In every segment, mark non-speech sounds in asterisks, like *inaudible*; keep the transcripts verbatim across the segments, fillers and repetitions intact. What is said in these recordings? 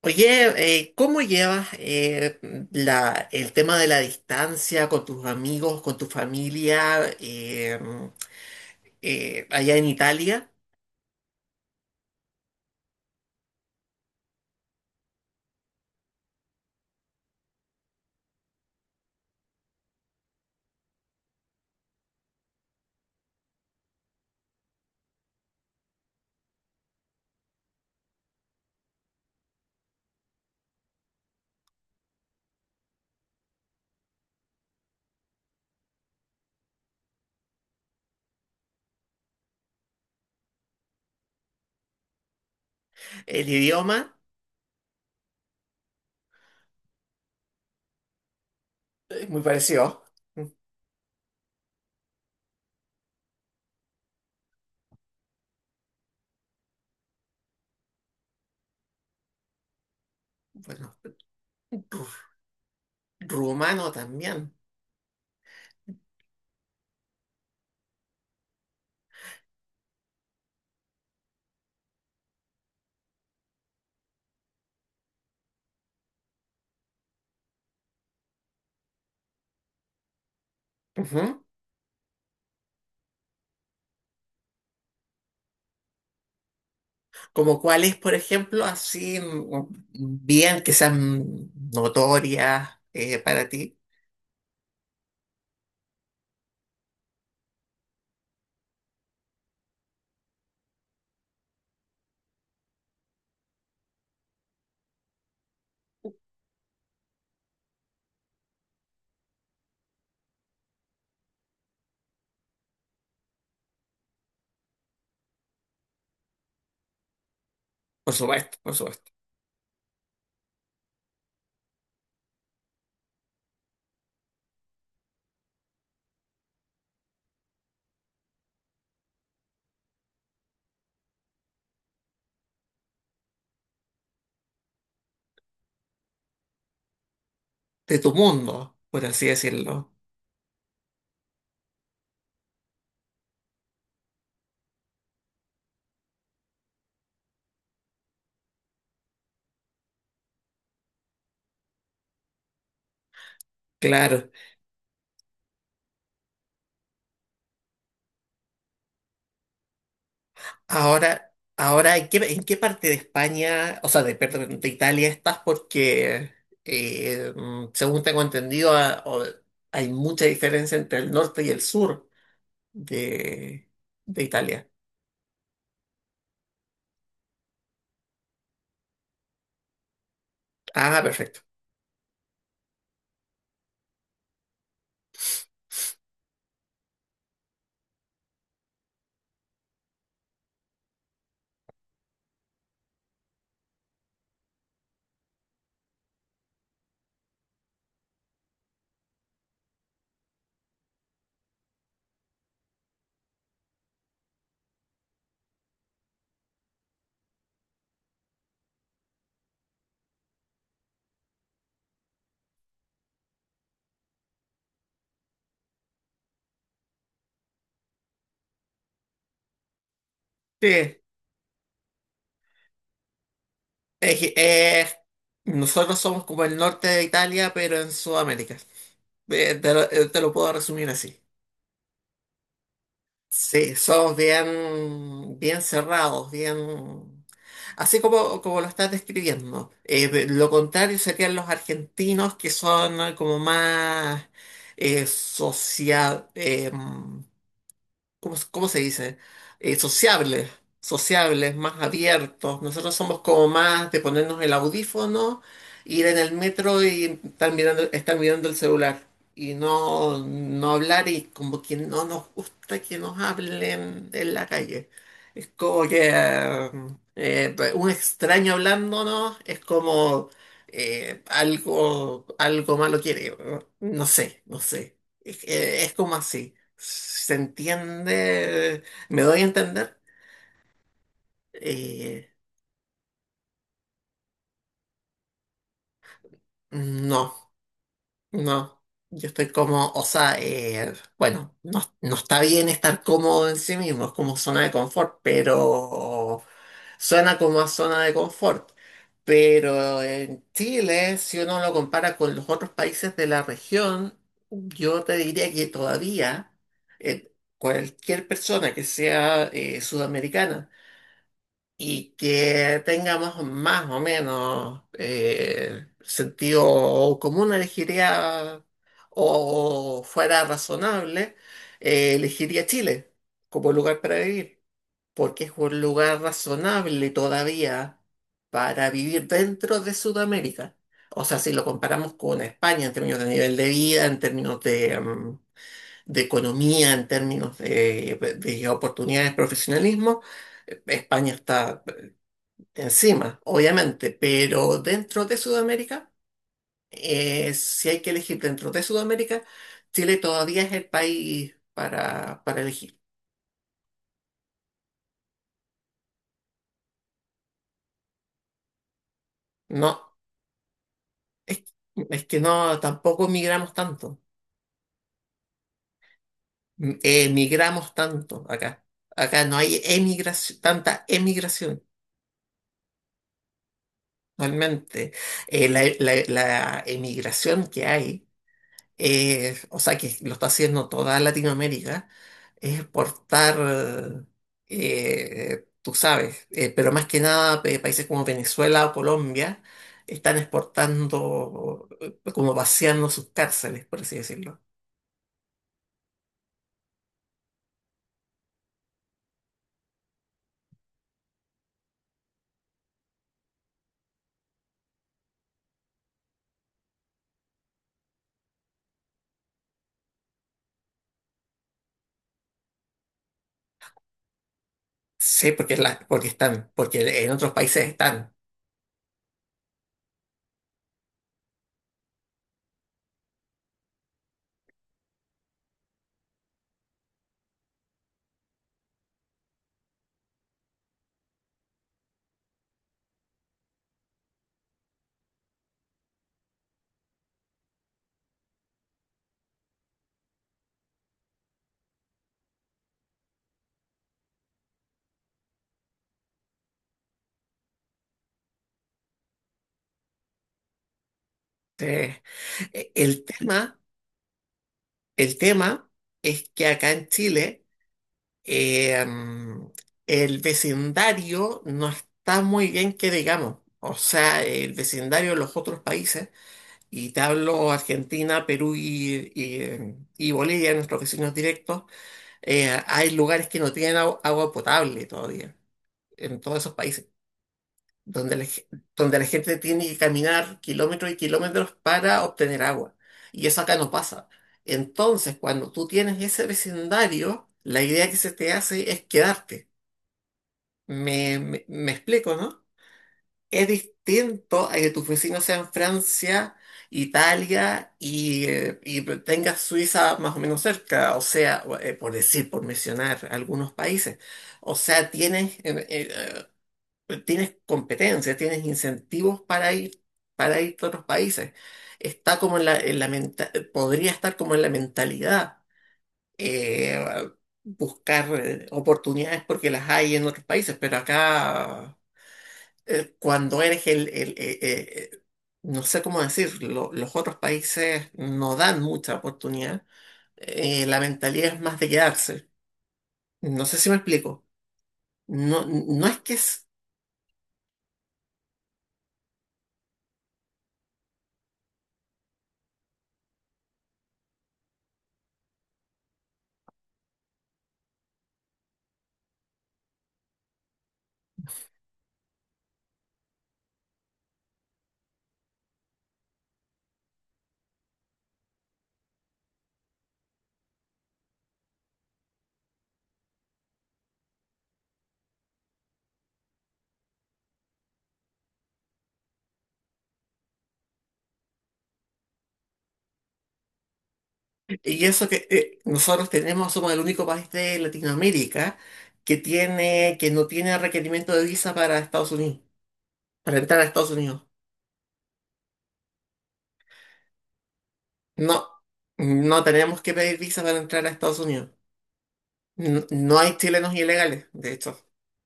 Oye, eh, ¿cómo llevas eh, la, el tema de la distancia con tus amigos, con tu familia eh, eh, allá en Italia? El idioma, eh, muy parecido. Bueno, ru- rumano también. Ujú. Como cuáles, por ejemplo, así mm, bien que sean notorias eh, para ti, por supuesto, por supuesto, de tu mundo, por así decirlo. Claro. Ahora, ahora, ¿en qué, en qué parte de España, o sea, de, perdón, de Italia estás? Porque eh, mm, según tengo entendido, a- o- hay mucha diferencia entre el norte y el sur de, de Italia. Ah, perfecto. Sí. Es que, eh, nosotros somos como el norte de Italia, pero en Sudamérica. Eh, te lo, eh, te lo puedo resumir así. Sí, somos bien, bien cerrados, bien... Así como, como lo estás describiendo. Eh, pe- lo contrario serían los argentinos, que son eh, como más eh, social... ¿cómo, se cómo se dice? Eh, sociables, sociables, más abiertos. Nosotros somos como más de ponernos el audífono, ir en el metro y estar mirando, estar mirando el celular y no, no hablar y como que no nos gusta que nos hablen en la calle. Es como que eh, eh, un extraño hablándonos es como... eh, algo, algo malo quiere, no. No sé, no sé, es eh, es como así. ¿Se entiende? ¿Me doy a entender? Eh, no, no. Yo estoy como, o sea, eh, bueno, no, no está bien estar cómodo en sí mismo, es como zona de confort, pero suena como a zona de confort. Pero en Chile, si uno lo compara con los otros países de la región, yo te diría que todavía eh, cualquier persona que sea eh, sudamericana, y que tengamos más o menos eh, sentido común, elegiría o fuera razonable, eh, elegiría Chile como lugar para vivir, porque es un lugar razonable todavía para vivir dentro de Sudamérica. O sea, si lo comparamos con España en términos de nivel de vida, en términos de, mm, de economía, en términos de, de oportunidades, profesionalismo, España está encima, obviamente, pero dentro de Sudamérica, eh, si hay que elegir dentro de Sudamérica, Chile todavía es el país para, para elegir. No, es, es que no, tampoco migramos tanto. M- emigramos tanto acá. Acá no hay emigración, tanta emigración. Realmente, Eh, la, la la emigración que hay eh, o sea, que lo está haciendo toda Latinoamérica, es exportar, eh, tú sabes, eh, pero más que nada eh, países como Venezuela o Colombia están exportando, eh, como vaciando sus cárceles, por así decirlo. Sí, porque, la, porque están, porque en otros países están. Eh, el tema, el tema es que acá en Chile Eh, mm, el vecindario no está muy bien que digamos. O sea, el vecindario de los otros países, y te hablo Argentina, Perú y, y- eh, y Bolivia, nuestros vecinos directos, eh, hay lugares que no tienen agu- agua potable todavía, en todos esos países, donde la, ge- donde la gente tiene que caminar kilómetros y kilómetros para obtener agua. Y eso acá no pasa. Entonces, cuando tú tienes ese vecindario, la idea que se te hace es quedarte. Me, me, me explico, ¿no? Es distinto a que tus vecinos sean Francia, Italia y, eh, y tengas Suiza más o menos cerca, o sea, eh, por decir, por mencionar algunos países. O sea, tienes, eh, eh, eh, tienes competencias, tienes incentivos para ir, para ir a otros países. Está como en la, en la menta- podría estar como en la mentalidad. eh, buscar eh, oportunidades porque las hay en otros países, pero acá eh, cuando eres el, el- eh, eh, eh, no sé cómo decirlo, los otros países no dan mucha oportunidad, eh, la mentalidad es más de quedarse. No sé si me explico. No, no es que es, y eso que eh, nosotros tenemos, somos el único país de Latinoamérica que tiene, que no tiene requerimiento de visa para Estados Unidos, para entrar a Estados Unidos. No, no tenemos que pedir visa para entrar a Estados Unidos. No, no hay chilenos ilegales, de hecho.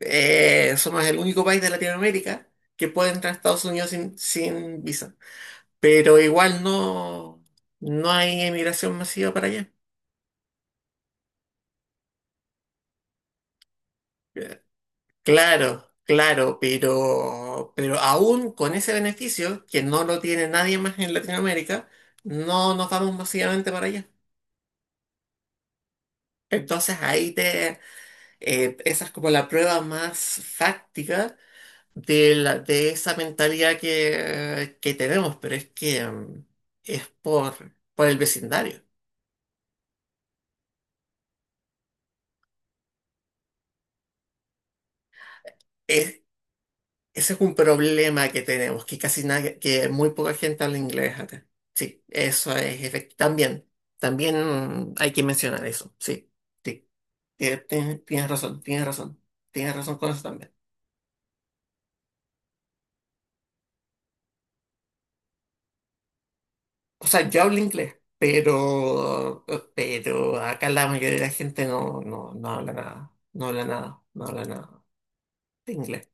Eh, somos el único país de Latinoamérica que puede entrar a Estados Unidos sin, sin visa. Pero igual no, no hay emigración masiva para allá. Eh, Claro, claro, pero, pero aún con ese beneficio, que no lo tiene nadie más en Latinoamérica, no nos vamos masivamente para allá. Entonces ahí te, eh, esa es como la prueba más fáctica de, la- de esa mentalidad que, que tenemos, pero es que mm, es por, por el vecindario. Es- ese es un problema que tenemos, que casi nadie, que muy poca gente habla inglés acá. Sí, eso es efectivo. También, también hay que mencionar eso. Sí, sí, tie- tie- tienes razón, tienes razón, tienes razón con eso también. O sea, yo hablo inglés. Pero, pero acá la mayoría de la gente no, no, no habla nada, no habla nada, no habla nada de inglés.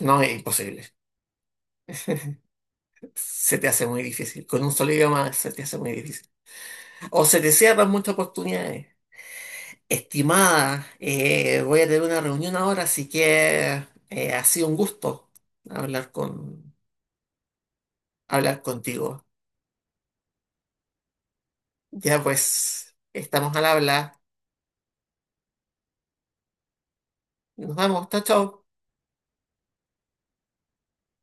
No, es imposible. *laughs* Se te hace muy difícil. Con un solo idioma se te hace muy difícil. O se te cierran muchas oportunidades. Estimada, eh, voy a tener una reunión ahora, así que eh, ha sido un gusto hablar con, hablar contigo. Ya pues, estamos al habla. Nos vemos. Chao, chao.